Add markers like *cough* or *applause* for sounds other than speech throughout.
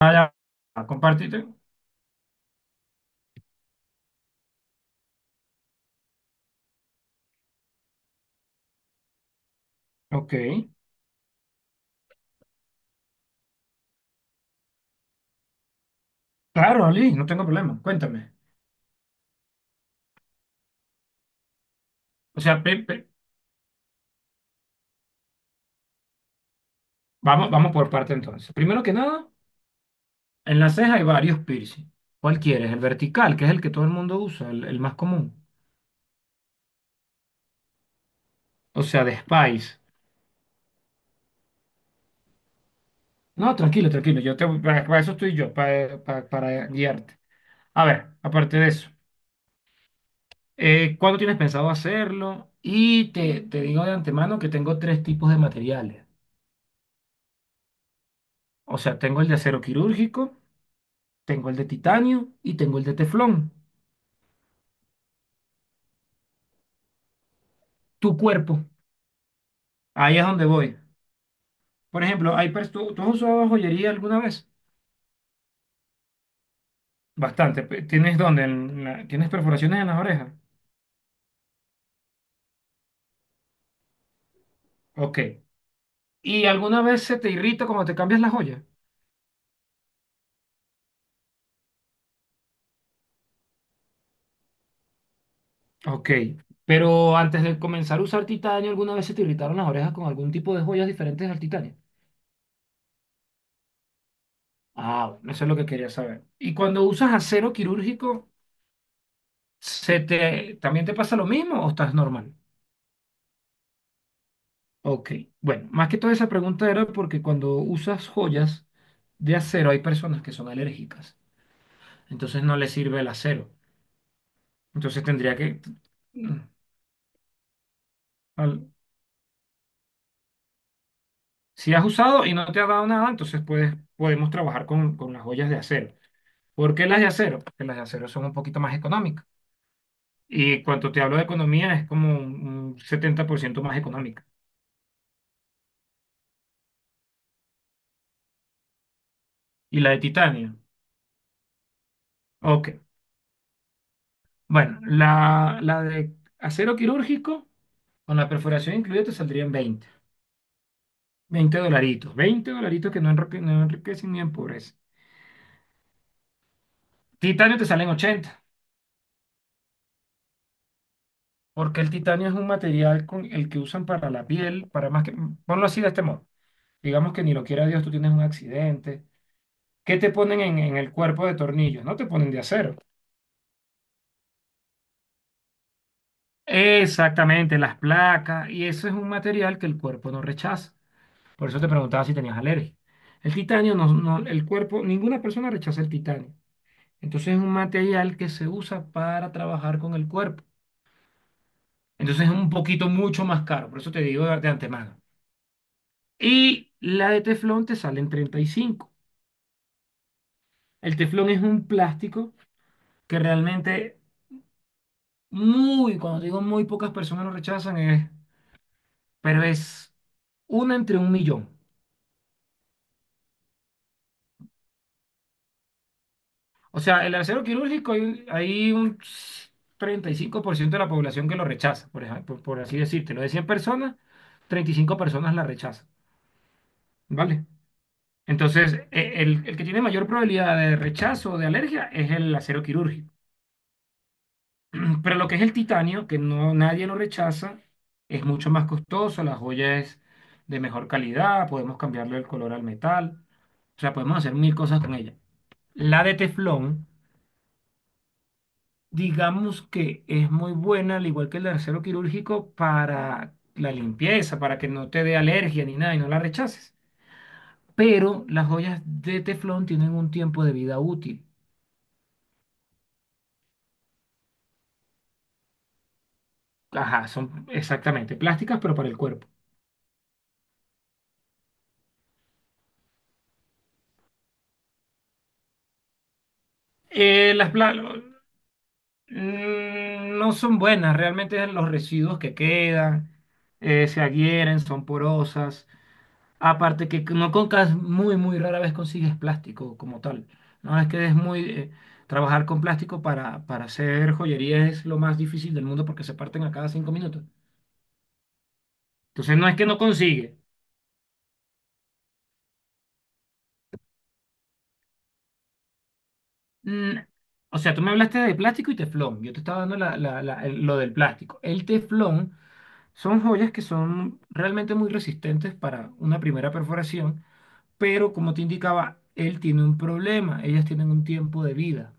Ah, ya, compartite. Ok. Claro, Ali, no tengo problema. Cuéntame. O sea, vamos, vamos por parte entonces. Primero que nada, en la ceja hay varios piercing. ¿Cuál quieres? El vertical, que es el que todo el mundo usa, el más común. O sea, de Spice. No, tranquilo, tranquilo. Para eso estoy yo, para guiarte. A ver, aparte de eso, ¿cuándo tienes pensado hacerlo? Y te digo de antemano que tengo tres tipos de materiales. O sea, tengo el de acero quirúrgico. Tengo el de titanio y tengo el de teflón. Tu cuerpo. Ahí es donde voy. Por ejemplo, ¿tú has usado joyería alguna vez? Bastante. ¿Tienes dónde? ¿Tienes perforaciones en las orejas? Ok. ¿Y alguna vez se te irrita cuando te cambias la joya? Ok. Pero antes de comenzar a usar titanio, ¿alguna vez se te irritaron las orejas con algún tipo de joyas diferentes al titanio? Ah, bueno, eso es lo que quería saber. ¿Y cuando usas acero quirúrgico, también te pasa lo mismo o estás normal? Ok, bueno, más que toda esa pregunta era porque cuando usas joyas de acero hay personas que son alérgicas, entonces no les sirve el acero. Entonces tendría que, mm, al- si has usado y no te ha dado nada, entonces puedes, podemos trabajar con, las joyas de acero. ¿Por qué las de acero? Porque las de acero son un poquito más económicas. Y cuando te hablo de economía es como un 70% más económica. ¿Y la de titanio? Ok, bueno, la de acero quirúrgico con la perforación incluida te saldría en 20. Veinte dolaritos que no, no enriquecen ni empobrecen. Titanio te salen 80, porque el titanio es un material con el que usan para la piel, para más que, ponlo así de este modo. Digamos que ni lo quiera Dios, tú tienes un accidente. ¿Qué te ponen en el cuerpo de tornillos? No te ponen de acero. Exactamente, las placas, y eso es un material que el cuerpo no rechaza. Por eso te preguntaba si tenías alergia. El titanio, no, el cuerpo, ninguna persona rechaza el titanio. Entonces es un material que se usa para trabajar con el cuerpo. Entonces es un poquito mucho más caro, por eso te digo de antemano. Y la de teflón te sale en 35. El teflón es un plástico que realmente muy, cuando digo muy pocas personas lo rechazan, es, pero es una entre un millón. O sea, el acero quirúrgico hay un 35% de la población que lo rechaza, por ejemplo, por, así decirte. De 100 personas, 35 personas la rechazan, ¿vale? Entonces, el que tiene mayor probabilidad de rechazo o de alergia es el acero quirúrgico. *clears throat* Pero lo que es el titanio, que no nadie lo rechaza, es mucho más costoso, la joya es de mejor calidad, podemos cambiarle el color al metal, o sea, podemos hacer mil cosas con ella. La de teflón, digamos que es muy buena, al igual que el de acero quirúrgico, para la limpieza, para que no te dé alergia ni nada y no la rechaces. Pero las joyas de teflón tienen un tiempo de vida útil. Ajá, son exactamente plásticas, pero para el cuerpo. Eh, las, pla- No son buenas, realmente los residuos que quedan se adhieren, son porosas. Aparte que no concas muy, muy rara vez consigues plástico como tal. No es que es muy trabajar con plástico para hacer joyería es lo más difícil del mundo porque se parten a cada 5 minutos. Entonces no es que no consigue. Mm, o sea, tú me hablaste de plástico y teflón. Yo te estaba dando lo del plástico. El teflón son joyas que son realmente muy resistentes para una primera perforación, pero como te indicaba, él tiene un problema, ellas tienen un tiempo de vida,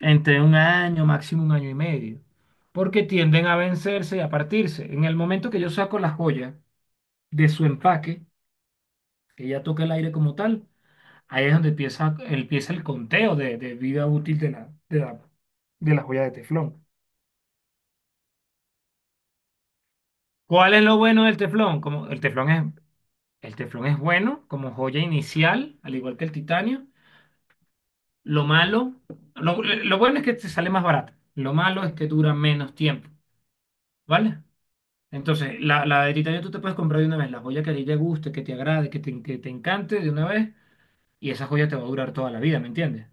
entre un año, máximo un año y medio, porque tienden a vencerse y a partirse. En el momento que yo saco la joya de su empaque, que ella toca el aire como tal, ahí es donde empieza el conteo de vida útil de la joya de teflón. ¿Cuál es lo bueno del teflón? Como el teflón es, El teflón es bueno como joya inicial, al igual que el titanio. Lo malo, lo bueno es que te sale más barato. Lo malo es que dura menos tiempo, ¿vale? Entonces, la de titanio tú te puedes comprar de una vez la joya que a ti te guste, que te agrade, que te encante de una vez, y esa joya te va a durar toda la vida, ¿me entiendes?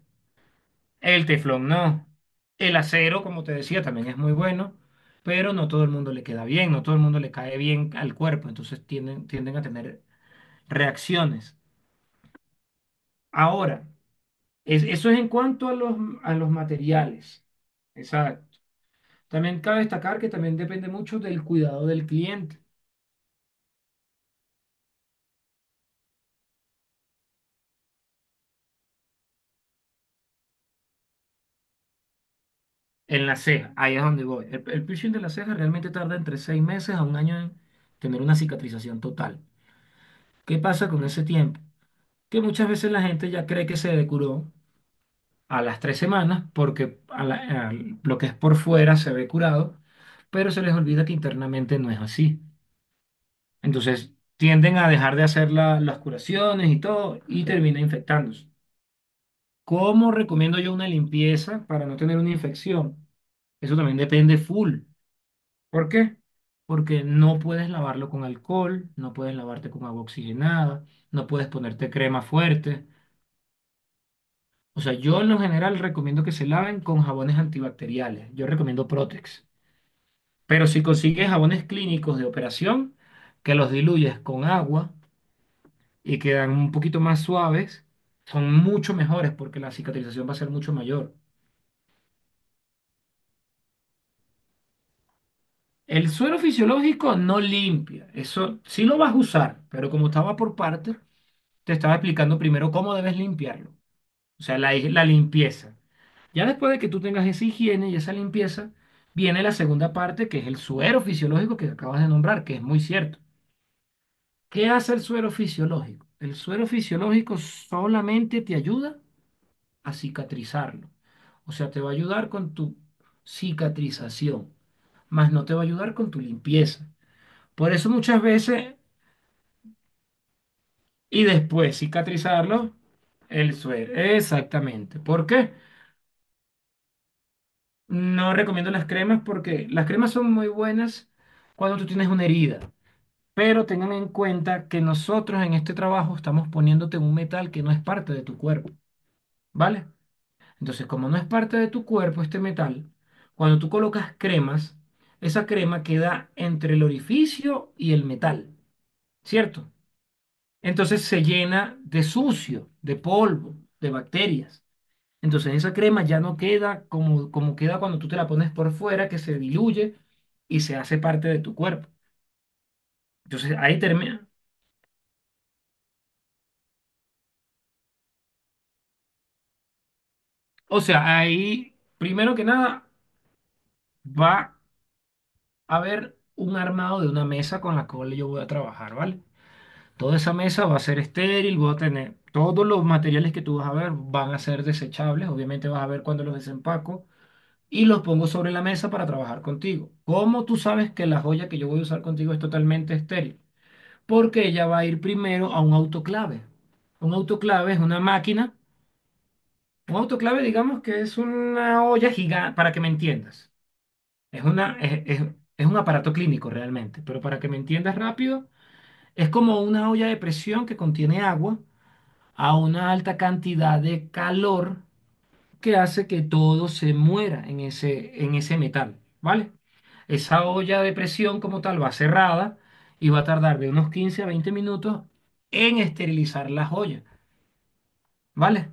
El teflón no. El acero, como te decía, también es muy bueno, pero no todo el mundo le queda bien, no todo el mundo le cae bien al cuerpo, entonces tienden a tener reacciones. Ahora, eso es en cuanto a los materiales. Esa- También cabe destacar que también depende mucho del cuidado del cliente. En la ceja, ahí es donde voy. El piercing de la ceja realmente tarda entre 6 meses a un año en tener una cicatrización total. ¿Qué pasa con ese tiempo? Que muchas veces la gente ya cree que se curó a las 3 semanas porque lo que es por fuera se ve curado, pero se les olvida que internamente no es así. Entonces tienden a dejar de hacer las curaciones y todo y termina infectándose. ¿Cómo recomiendo yo una limpieza para no tener una infección? Eso también depende full. ¿Por qué? Porque no puedes lavarlo con alcohol, no puedes lavarte con agua oxigenada, no puedes ponerte crema fuerte. O sea, yo en lo general recomiendo que se laven con jabones antibacteriales. Yo recomiendo Protex. Pero si consigues jabones clínicos de operación, que los diluyes con agua y quedan un poquito más suaves, son mucho mejores porque la cicatrización va a ser mucho mayor. El suero fisiológico no limpia, eso sí lo vas a usar, pero como estaba por partes, te estaba explicando primero cómo debes limpiarlo, o sea, la limpieza. Ya después de que tú tengas esa higiene y esa limpieza, viene la segunda parte, que es el suero fisiológico que acabas de nombrar, que es muy cierto. ¿Qué hace el suero fisiológico? El suero fisiológico solamente te ayuda a cicatrizarlo, o sea, te va a ayudar con tu cicatrización, más no te va a ayudar con tu limpieza. Por eso muchas veces y después cicatrizarlo el suero. Exactamente. ¿Por qué? No recomiendo las cremas porque las cremas son muy buenas cuando tú tienes una herida, pero tengan en cuenta que nosotros en este trabajo estamos poniéndote un metal que no es parte de tu cuerpo, ¿vale? Entonces, como no es parte de tu cuerpo este metal, cuando tú colocas cremas, esa crema queda entre el orificio y el metal, ¿cierto? Entonces se llena de sucio, de polvo, de bacterias. Entonces esa crema ya no queda como queda cuando tú te la pones por fuera, que se diluye y se hace parte de tu cuerpo. Entonces ahí termina. O sea, ahí, primero que nada, va a haber un armado de una mesa con la cual yo voy a trabajar, ¿vale? Toda esa mesa va a ser estéril, voy a tener todos los materiales que tú vas a ver van a ser desechables, obviamente vas a ver cuando los desempaco y los pongo sobre la mesa para trabajar contigo. ¿Cómo tú sabes que la joya que yo voy a usar contigo es totalmente estéril? Porque ella va a ir primero a un autoclave. Un autoclave es una máquina. Un autoclave, digamos que es una olla gigante, para que me entiendas. Es una, es- Es un aparato clínico realmente, pero para que me entiendas rápido, es como una olla de presión que contiene agua a una alta cantidad de calor que hace que todo se muera en ese metal, ¿vale? Esa olla de presión como tal va cerrada y va a tardar de unos 15 a 20 minutos en esterilizar las ollas, ¿vale?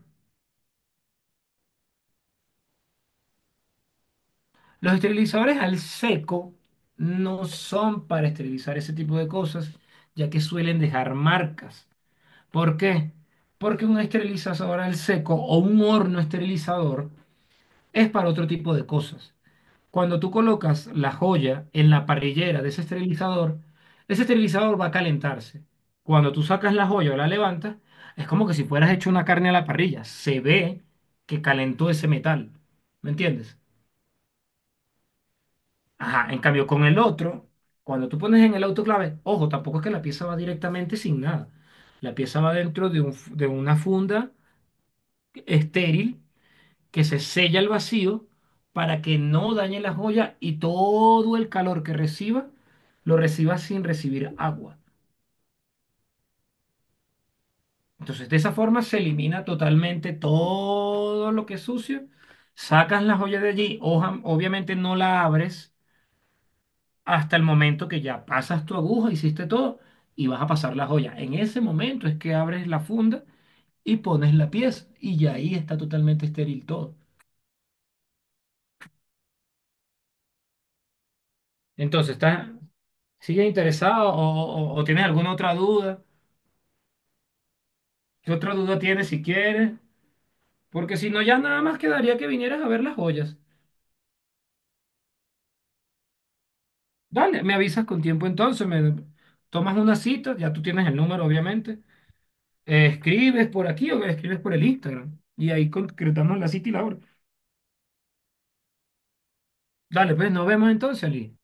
Los esterilizadores al seco no son para esterilizar ese tipo de cosas, ya que suelen dejar marcas. ¿Por qué? Porque un esterilizador al seco o un horno esterilizador es para otro tipo de cosas. Cuando tú colocas la joya en la parrillera de ese esterilizador va a calentarse. Cuando tú sacas la joya o la levantas, es como que si fueras hecho una carne a la parrilla. Se ve que calentó ese metal. ¿Me entiendes? Ajá, en cambio con el otro, cuando tú pones en el autoclave, ojo, tampoco es que la pieza va directamente sin nada. La pieza va dentro de de una funda estéril que se sella el vacío para que no dañe la joya y todo el calor que reciba lo reciba sin recibir agua. Entonces, de esa forma se elimina totalmente todo lo que es sucio. Sacas la joya de allí, obviamente no la abres hasta el momento que ya pasas tu aguja, hiciste todo y vas a pasar la joya. En ese momento es que abres la funda y pones la pieza y ya ahí está totalmente estéril todo. Entonces, está, ¿Sigues interesado o, o tienes alguna otra duda? ¿Qué otra duda tienes si quieres? Porque si no, ya nada más quedaría que vinieras a ver las joyas. Dale, me avisas con tiempo entonces, me tomas una cita, ya tú tienes el número, obviamente. Escribes por aquí o escribes por el Instagram y ahí concretamos la cita y la hora. Dale, pues nos vemos entonces, Ali.